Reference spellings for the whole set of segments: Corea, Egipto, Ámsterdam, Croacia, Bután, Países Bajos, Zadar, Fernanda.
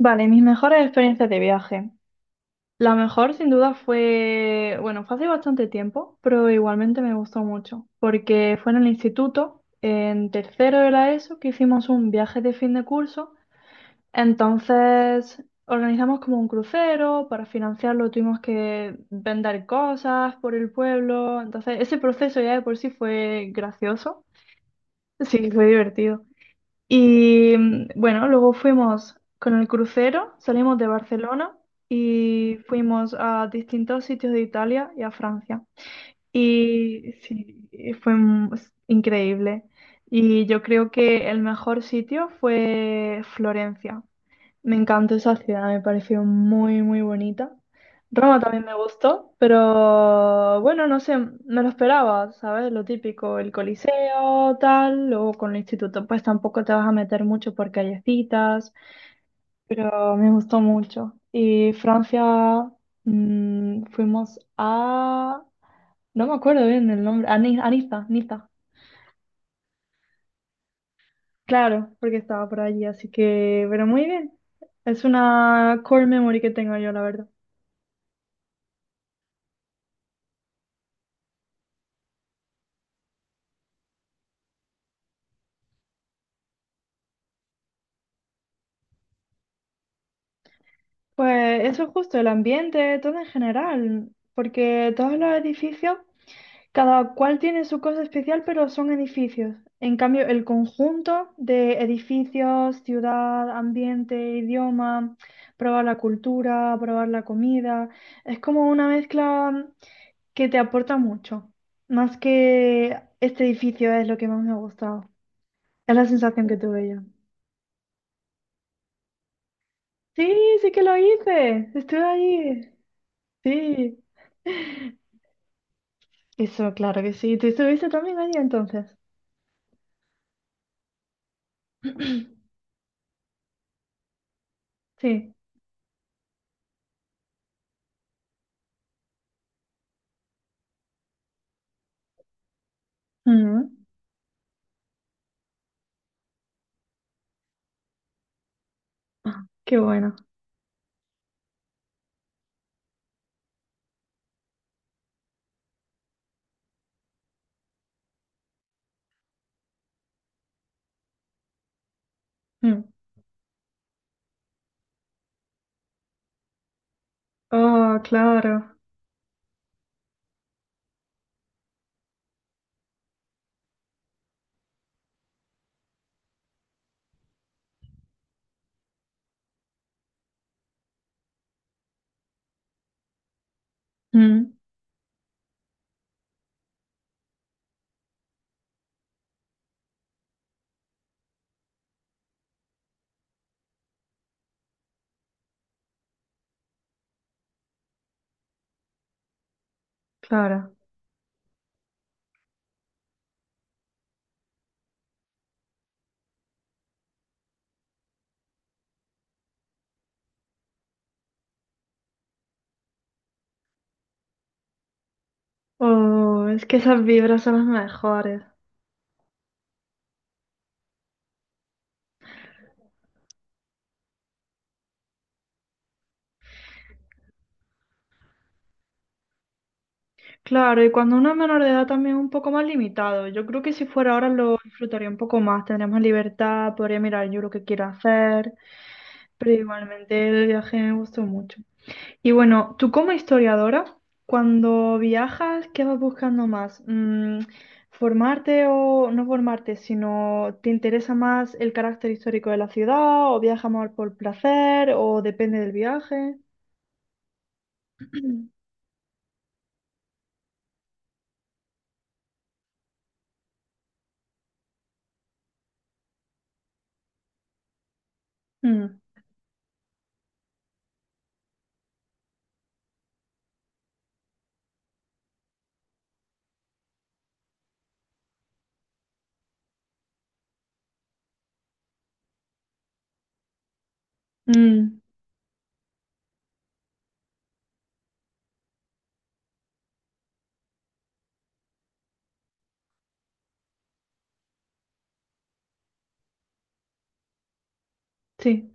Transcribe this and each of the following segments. Vale, mis mejores experiencias de viaje. La mejor sin duda fue, bueno, fue hace bastante tiempo, pero igualmente me gustó mucho, porque fue en el instituto, en tercero de la ESO, que hicimos un viaje de fin de curso. Entonces organizamos como un crucero, para financiarlo tuvimos que vender cosas por el pueblo, entonces ese proceso ya de por sí fue gracioso, sí, fue divertido. Y bueno, luego fuimos con el crucero, salimos de Barcelona y fuimos a distintos sitios de Italia y a Francia. Y sí, y fue es increíble. Y yo creo que el mejor sitio fue Florencia, me encantó esa ciudad, me pareció muy, muy bonita. Roma también me gustó, pero bueno, no sé, me lo esperaba, ¿sabes? Lo típico, el Coliseo, tal, luego con el instituto, pues tampoco te vas a meter mucho por callecitas, pero me gustó mucho. Y Francia, fuimos a... No me acuerdo bien el nombre, a, a Niza, Niza. Claro, porque estaba por allí, así que, pero muy bien. Es una core memory que tengo yo, la verdad. Pues eso es justo, el ambiente, todo en general, porque todos los edificios, cada cual tiene su cosa especial, pero son edificios. En cambio, el conjunto de edificios, ciudad, ambiente, idioma, probar la cultura, probar la comida, es como una mezcla que te aporta mucho, más que este edificio es lo que más me ha gustado. Es la sensación que tuve yo. Sí, sí que lo hice, estuve allí, sí. Eso, claro que sí. ¿Tú estuviste también allí entonces? Sí. Mm. Ah, qué bueno. Mm. Oh, claro. Mm, claro. Oh, es que esas vibras son las mejores. Claro, y cuando uno es menor de edad también es un poco más limitado. Yo creo que si fuera ahora lo disfrutaría un poco más, tendría más libertad, podría mirar yo lo que quiero hacer, pero igualmente el viaje me gustó mucho. Y bueno, tú como historiadora, cuando viajas, ¿qué vas buscando más? ¿Formarte o no formarte, sino te interesa más el carácter histórico de la ciudad o viajas más por placer o depende del viaje? Mm, mm, sí.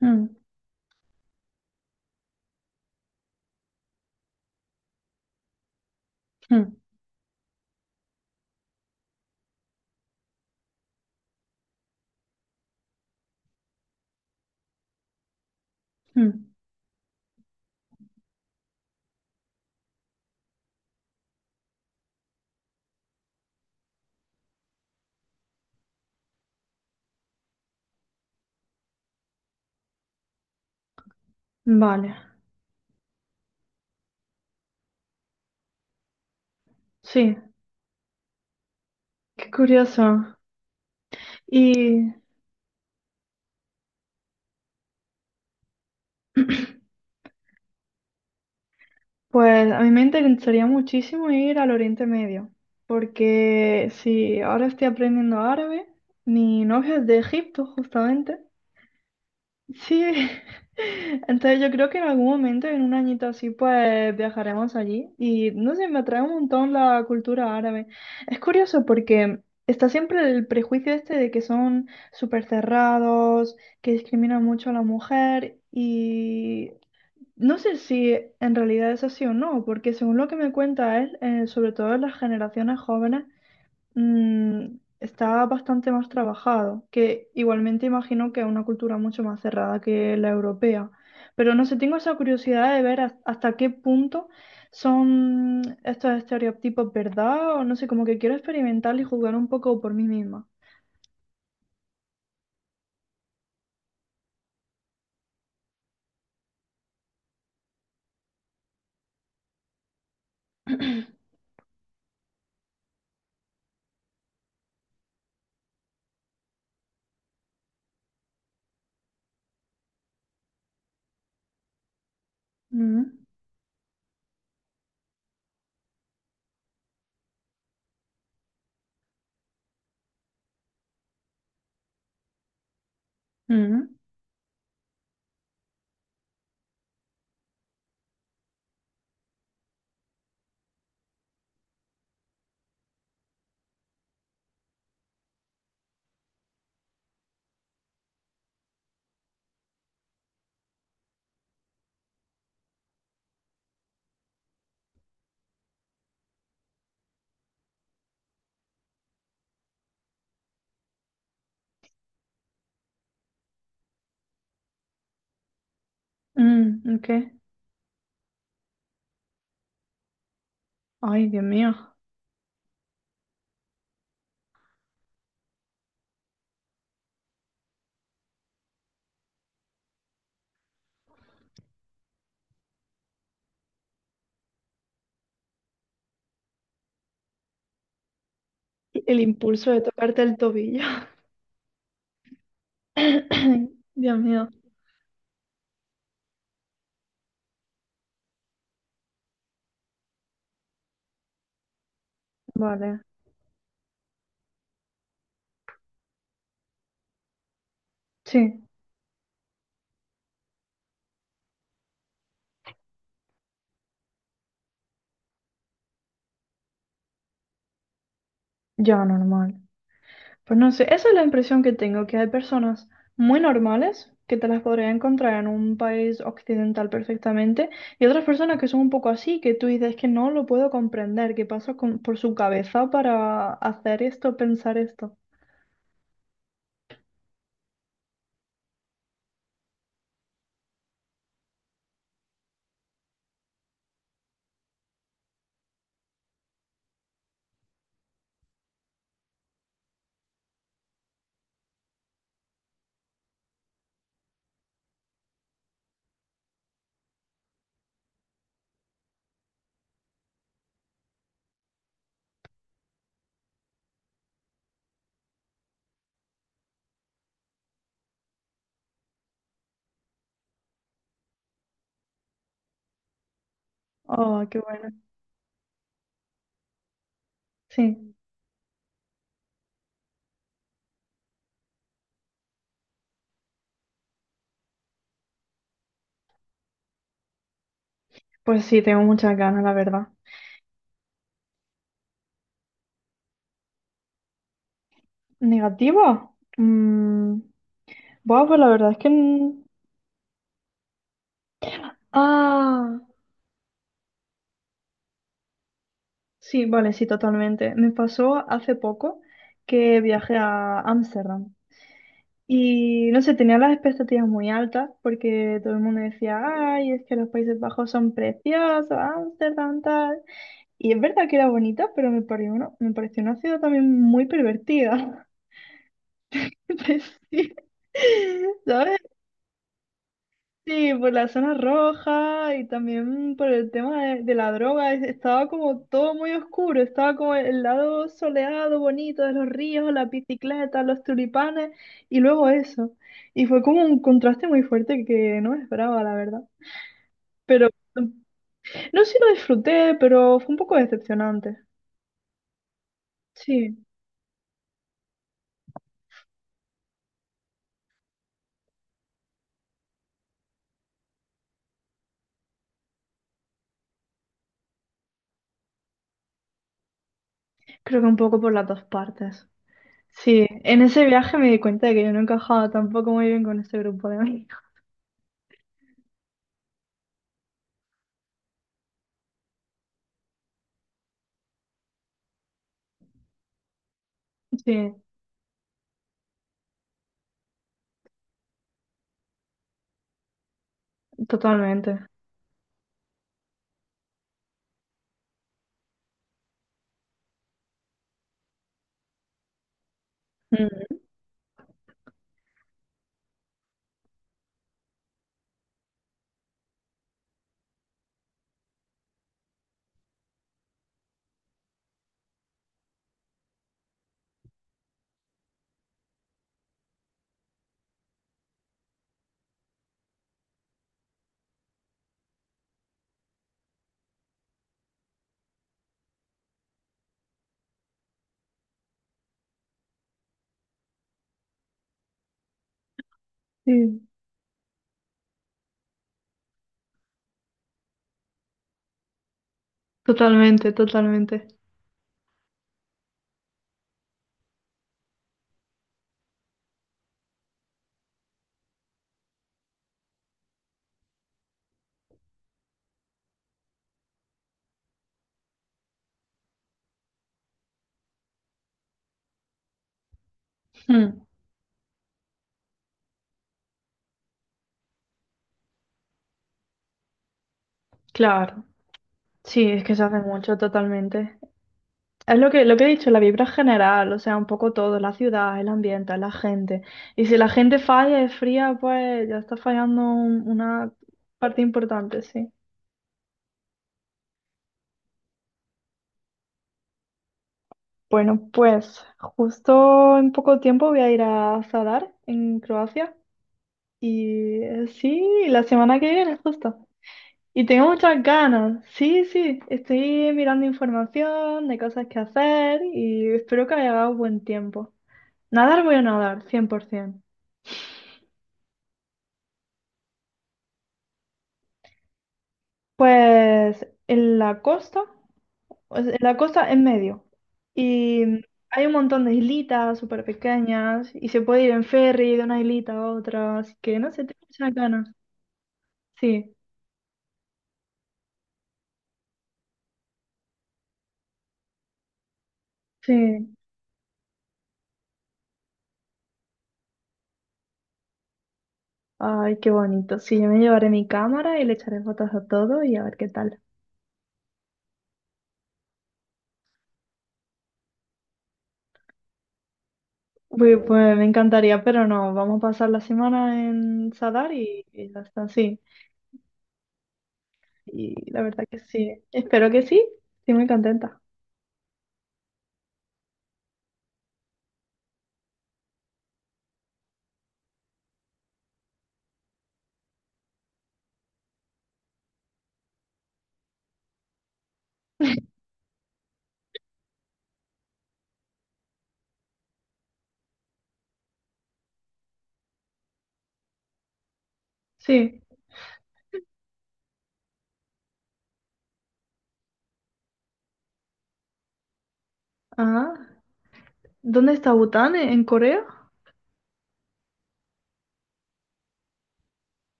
Mm, mm, mm. Vale, sí, qué curioso. Y pues a mí me interesaría muchísimo ir al Oriente Medio, porque si ahora estoy aprendiendo árabe, mi novio es de Egipto, justamente. Sí, entonces yo creo que en algún momento, en un añito así, pues viajaremos allí. Y no sé, me atrae un montón la cultura árabe. Es curioso porque está siempre el prejuicio este de que son súper cerrados, que discriminan mucho a la mujer. Y no sé si en realidad es así o no, porque según lo que me cuenta él, sobre todo en las generaciones jóvenes, está bastante más trabajado, que igualmente imagino que es una cultura mucho más cerrada que la europea. Pero no sé, tengo esa curiosidad de ver hasta qué punto son estos estereotipos verdad, o no sé, como que quiero experimentar y jugar un poco por mí misma. Mm, mm, mm, ok. Ay, Dios mío. El impulso de tocarte el tobillo. Dios mío. Vale, sí, ya normal. Pues no sé, esa es la impresión que tengo, que hay personas muy normales que te las podría encontrar en un país occidental perfectamente y otras personas que son un poco así, que tú dices que no lo puedo comprender, que pasa por su cabeza para hacer esto, pensar esto. Oh, qué bueno. Sí, pues sí, tengo muchas ganas, la verdad. ¿Negativa? Bueno, pues la verdad es que... n- Ah, sí, vale, sí, totalmente. Me pasó hace poco que viajé a Ámsterdam y no sé, tenía las expectativas muy altas porque todo el mundo decía, ay, es que los Países Bajos son preciosos, Ámsterdam tal. Y es verdad que era bonita, pero me pareció una ciudad también muy pervertida. Entonces, sí. ¿Sabes? Sí, por la zona roja y también por el tema de la droga, estaba como todo muy oscuro, estaba como el lado soleado, bonito de los ríos, las bicicletas, los tulipanes y luego eso. Y fue como un contraste muy fuerte que no me esperaba, la verdad. Pero no sé si lo disfruté, pero fue un poco decepcionante. Sí, creo que un poco por las dos partes. Sí, en ese viaje me di cuenta de que yo no encajaba tampoco muy bien con ese grupo de amigos. Sí, totalmente. Mm. Sí. Totalmente, totalmente. Mm, claro, sí, es que se hace mucho, totalmente. Es lo que he dicho, la vibra general, o sea, un poco todo, la ciudad, el ambiente, la gente. Y si la gente falla, es fría, pues ya está fallando una parte importante, sí. Bueno, pues justo en poco tiempo voy a ir a Zadar, en Croacia, y sí, la semana que viene, justo. Y tengo muchas ganas. Sí, sí, estoy mirando información de cosas que hacer y espero que haya dado buen tiempo. Nadar voy a nadar, 100%. Pues en la costa, pues, en la costa en medio. Y hay un montón de islitas súper pequeñas y se puede ir en ferry de una islita a otra, así que no sé, tengo muchas ganas. Sí, sí. Ay, qué bonito. Sí, yo me llevaré mi cámara y le echaré fotos a todo y a ver qué tal. Uy, pues me encantaría, pero no, vamos a pasar la semana en Sadar y ya está, sí. Y la verdad que sí. Espero que sí. Sí, muy contenta. Sí. Ah, ¿dónde está Bután? En Corea?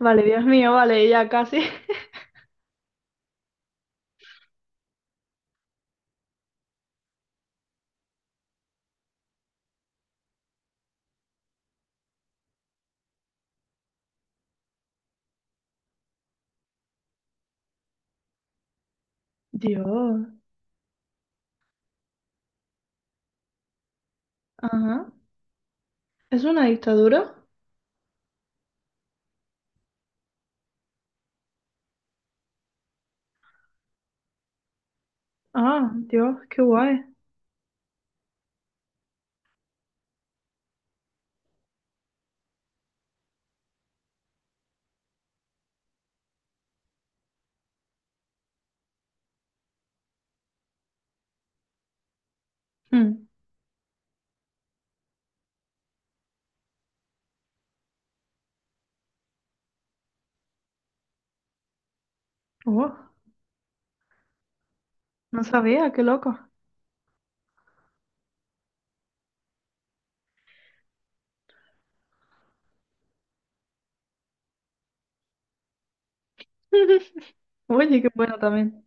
Vale, Dios mío, vale, ya casi. Dios. Ajá. ¿Es una dictadura? Ah, Dios, qué guay. Mm. Oh, no sabía, qué loco. Oye, qué bueno también.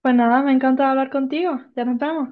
Pues nada, me encanta hablar contigo. Ya nos vemos.